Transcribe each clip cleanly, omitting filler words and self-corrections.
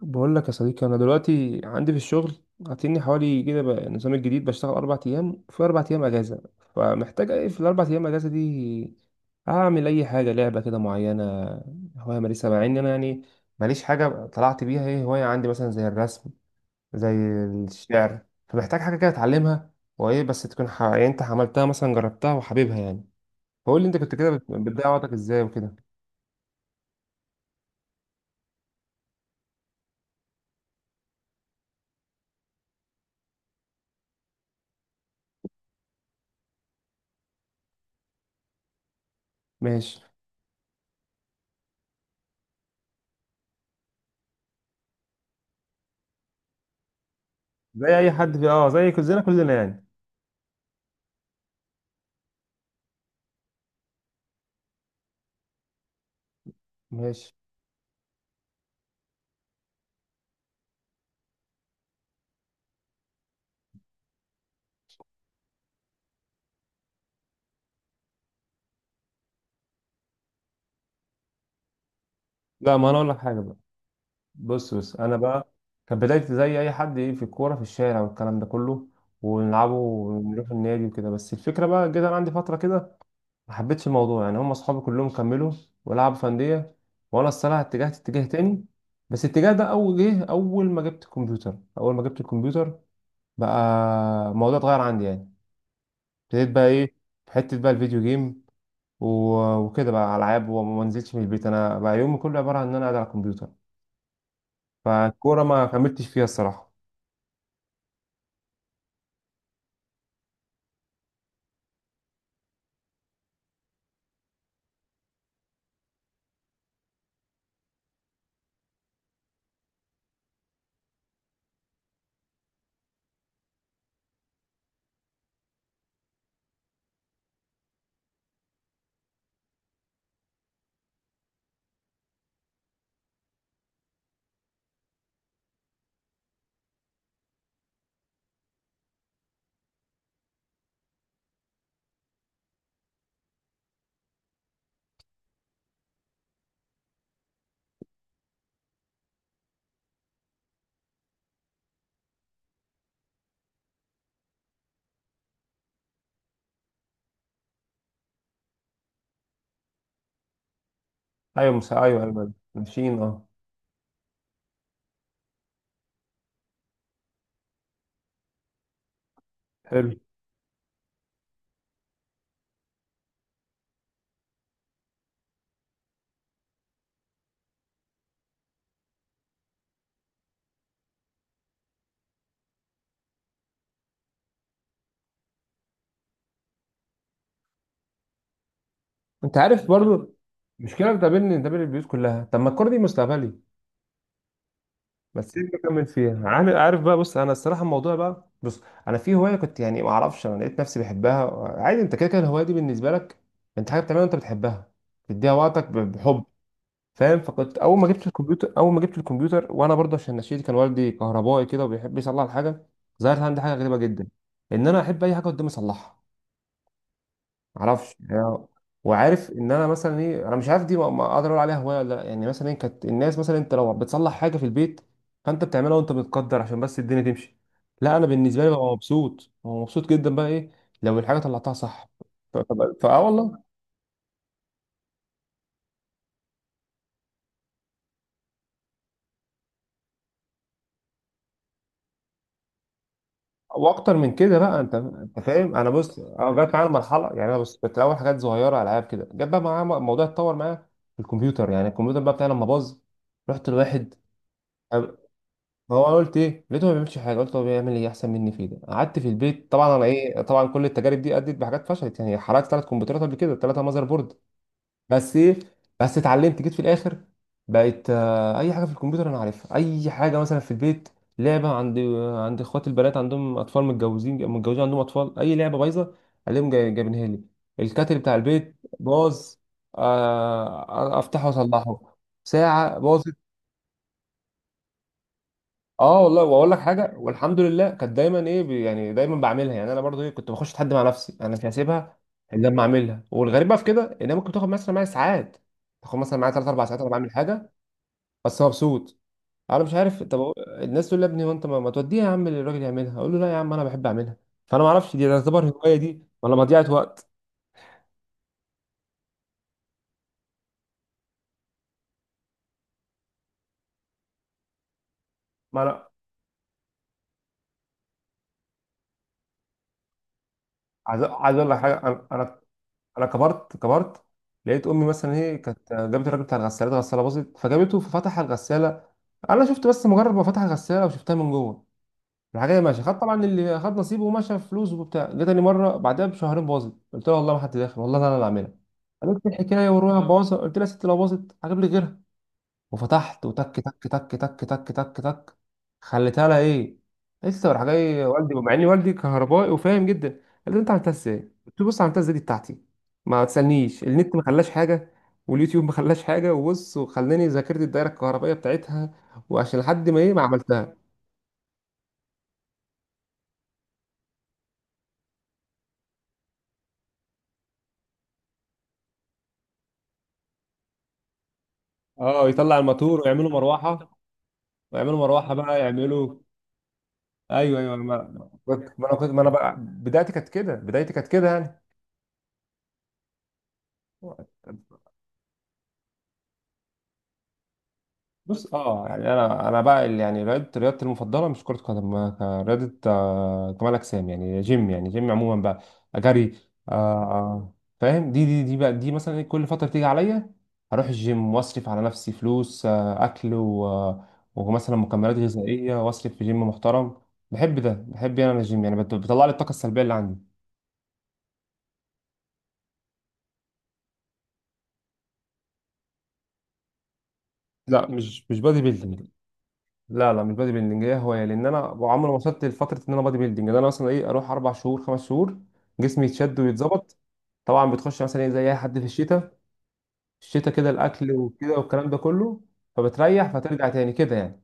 بقول لك يا صديقي، انا دلوقتي عندي في الشغل عاطيني حوالي كده. بقى النظام الجديد بشتغل اربع ايام في اربع ايام اجازه. فمحتاج ايه في الاربع ايام اجازه دي؟ اعمل اي حاجه، لعبه كده معينه، هوايه مارسها مع ان انا ماليش حاجه طلعت بيها. ايه هوايه عندي مثلا؟ زي الرسم، زي الشعر. فمحتاج حاجه كده اتعلمها، وايه بس تكون يعني انت عملتها مثلا، جربتها وحاببها يعني. فقول لي انت كنت كده بتضيع وقتك ازاي وكده. ماشي. زي اي حد في، اه، زي كلنا كلنا يعني. ماشي. لا، ما انا اقول لك حاجه بقى. بص انا بقى كانت بدايتي زي اي حد، ايه، في الكوره في الشارع والكلام ده كله، ونلعبه ونروح النادي وكده. بس الفكره بقى جيت انا عندي فتره كده ما حبيتش الموضوع يعني. هم اصحابي كلهم كملوا ولعبوا في انديه، وانا الصراحه اتجهت اتجاه تاني. بس الاتجاه ده اول جه اول ما جبت الكمبيوتر. بقى الموضوع اتغير عندي يعني. ابتديت بقى ايه؟ في حته بقى الفيديو جيم وكده، بقى العاب، وما ما نزلتش من البيت. انا بقى يومي كله عباره عن ان انا قاعد على الكمبيوتر، فالكوره ما كملتش فيها الصراحه. ايوه، ايوه ايوه أيوة، ماشيين. اه، حلو. انت عارف برضو مشكله بتقابلني، بتقابل البيوت كلها: طب ما الكوره دي مستقبلي، بس ليه بكمل فيها؟ عامل عارف بقى. بص، انا الصراحه الموضوع بقى، انا في هوايه كنت يعني ما اعرفش، انا لقيت نفسي بحبها. عادي، انت كده كده الهوايه دي بالنسبه لك انت حاجه بتعملها وانت بتحبها، تديها وقتك بحب، فاهم؟ فكنت اول ما جبت الكمبيوتر، وانا برضه عشان نشيتي، كان والدي كهربائي كده وبيحب يصلح الحاجه، ظهرت عندي حاجه غريبه جدا ان انا احب اي حاجه قدامي اصلحها. معرفش يعني. وعارف ان انا مثلا ايه، انا مش عارف دي ما اقدر اقول عليها هوايه ولا لا، يعني مثلا ايه، كانت الناس مثلا انت لو بتصلح حاجه في البيت فانت بتعملها وانت متقدر عشان بس الدنيا تمشي. لا، انا بالنسبه لي ببقى مبسوط، ببقى مبسوط جدا بقى ايه لو الحاجه طلعتها صح. ف- ف- فاه والله. واكتر من كده بقى، انت فاهم، انا بص، أنا جت معايا المرحله يعني. انا بص كنت الاول حاجات صغيره، العاب كده، جت بقى معايا الموضوع اتطور معايا في الكمبيوتر يعني. الكمبيوتر بقى بتاعي لما باظ رحت لواحد، هو انا قلت ايه، لقيته ما بيعملش حاجه، قلت هو بيعمل ايه احسن مني في ده؟ قعدت في البيت طبعا. انا ايه، طبعا كل التجارب دي ادت بحاجات فشلت يعني، حرقت ثلاث كمبيوترات قبل كده، ثلاثه ماذر بورد. بس ايه، بس اتعلمت، جيت في الاخر بقيت اي حاجه في الكمبيوتر انا عارفها. اي حاجه مثلا في البيت، لعبه عند اخوات البنات، عندهم اطفال، متجوزين عندهم اطفال، اي لعبه بايظه الاقيهم جايبينها لي. الكاتل بتاع البيت باظ، افتحه واصلحه. ساعه باظ. اه والله، واقول لك حاجه، والحمد لله كانت دايما ايه يعني دايما بعملها يعني. انا برضو ايه كنت بخش اتحدى مع نفسي، انا مش هسيبها الا لما اعملها. والغريب بقى في كده ان هي ممكن تاخد مثلا معايا ساعات، تاخد مثلا معايا 3 4 ساعات انا بعمل حاجه، بس مبسوط. انا مش عارف، طب الناس تقول لي يا ابني هو انت ما توديها يا عم للراجل يعملها؟ اقول له لا يا عم، انا بحب اعملها. فانا ما اعرفش دي تعتبر هوايه دي ولا مضيعه وقت. ما انا عايز اقول لك حاجه، انا كبرت. كبرت لقيت امي مثلا هي كانت جابت الراجل بتاع الغسالات، غساله باظت فجابته، ففتح الغساله. انا شفت، بس مجرد ما فتح الغساله وشفتها من جوه، الحاجه ماشيه. خد طبعا اللي خد نصيبه ومشى فلوسه وبتاع. جه تاني مره بعدها بشهرين باظت. قلت لها والله ما حد داخل، والله انا اللي عاملها. قالت لي الحكايه، وروح باظت. قلت لها يا ست، لو باظت هجيب لي غيرها. وفتحت وتك تك تك، تك تك تك تك، خليتها لها ايه. لسه راح جاي والدي، مع ان والدي كهربائي وفاهم جدا، قال لي انت عملتها ازاي؟ قلت له بص، عملتها ازاي دي بتاعتي، ما تسالنيش. النت ما خلاش حاجه، واليوتيوب ما خلاش حاجه، وبص وخلاني ذاكرت الدايره الكهربائيه بتاعتها، وعشان لحد ما ايه، ما عملتها. اه، يطلع الماتور ويعملوا مروحه، ويعملوا مروحه بقى، يعملوا. ايوه ايوه. ما انا كنت، ما انا بقى بدايتي كانت كده، بدايتي كانت كده يعني. بص اه، يعني انا بقى يعني رياضه، رياضتي المفضله مش كره قدم. رياضه كمال اجسام يعني، جيم يعني، جيم عموما بقى، جري. آه، آه، فاهم؟ دي بقى، دي مثلا إيه، كل فتره تيجي عليا هروح الجيم واصرف على نفسي فلوس، اكل ومثلا مكملات غذائيه، واصرف في جيم محترم. بحب ده، بحب يعني، انا الجيم يعني بيطلع لي الطاقه السلبيه اللي عندي. لا، مش مش بادي بيلدينج. لا لا، مش بادي بيلدينج، هي هوايه، لان انا عمري ما وصلت لفتره ان انا بادي بيلدينج. ده انا مثلا ايه اروح اربع شهور، خمس شهور، جسمي يتشد ويتظبط. طبعا بتخش مثلا ايه زي اي حد في الشتاء، الشتاء كده الاكل وكده والكلام ده كله، فبتريح فترجع تاني كده يعني.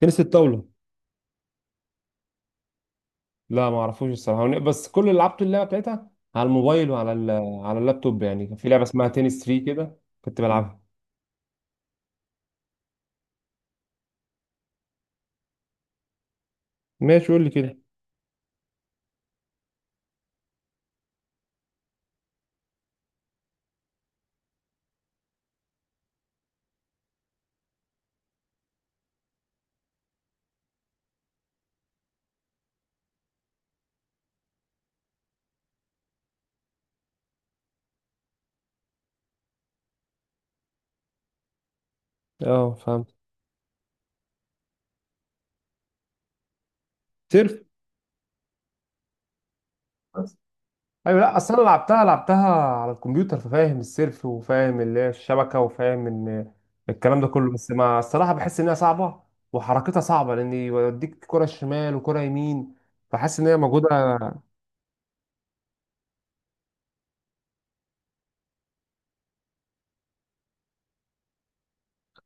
تنس الطاوله؟ لا، ما اعرفوش الصراحه، بس كل اللي لعبته اللعبه بتاعتها على الموبايل وعلى على اللابتوب يعني. كان في لعبه اسمها تنس 3 كده كنت بلعبها. ماشي، قول لي كده. اه فهمت. سيرف. ايوه، لا اصل انا لعبتها، لعبتها على الكمبيوتر، ففاهم السيرف، وفاهم اللي هي الشبكه، وفاهم ان الكلام ده كله، بس ما الصراحه بحس ان هي صعبه وحركتها صعبه، لان يوديك كره شمال وكره يمين، فحاسس ان هي موجوده.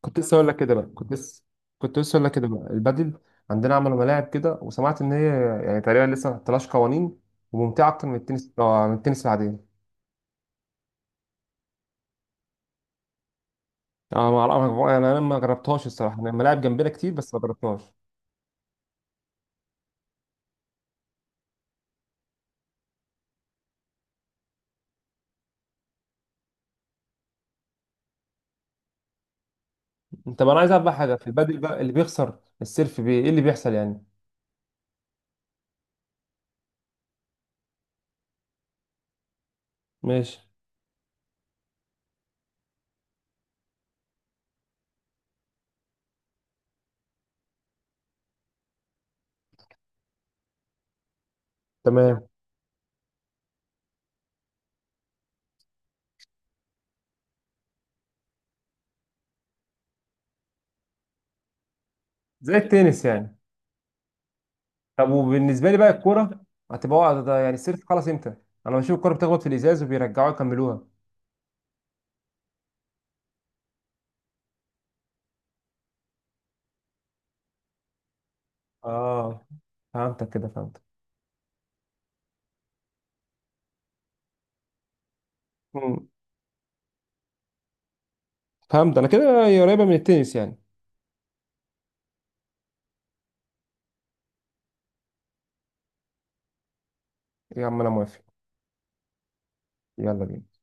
كنت لسه اقول لك كده بقى، كنت لسه اقول لك كده بقى، البادل. عندنا عملوا ملاعب كده، وسمعت ان هي يعني تقريبا لسه ما حطلهاش قوانين، وممتعه اكتر من التنس، من التنس العاديه. انا ما أعرف- انا ما جربتهاش الصراحه، انا الملاعب جنبنا كتير بس ما جربتهاش. انت بقى، انا عايز اعرف بقى حاجه في البادل بقى: اللي بيخسر السيرف بي ايه اللي بيحصل يعني؟ ماشي، تمام، زي التنس يعني. طب وبالنسبه لي بقى الكوره هتبقى وقع ده يعني، السيرف خلاص امتى؟ انا بشوف الكوره بتخبط في الازاز وبيرجعوها يكملوها. اه، فهمتك كده، فهمت. مم. فهمت انا كده، هي قريبه من التنس يعني. يا عم انا موافق. يلا بينا.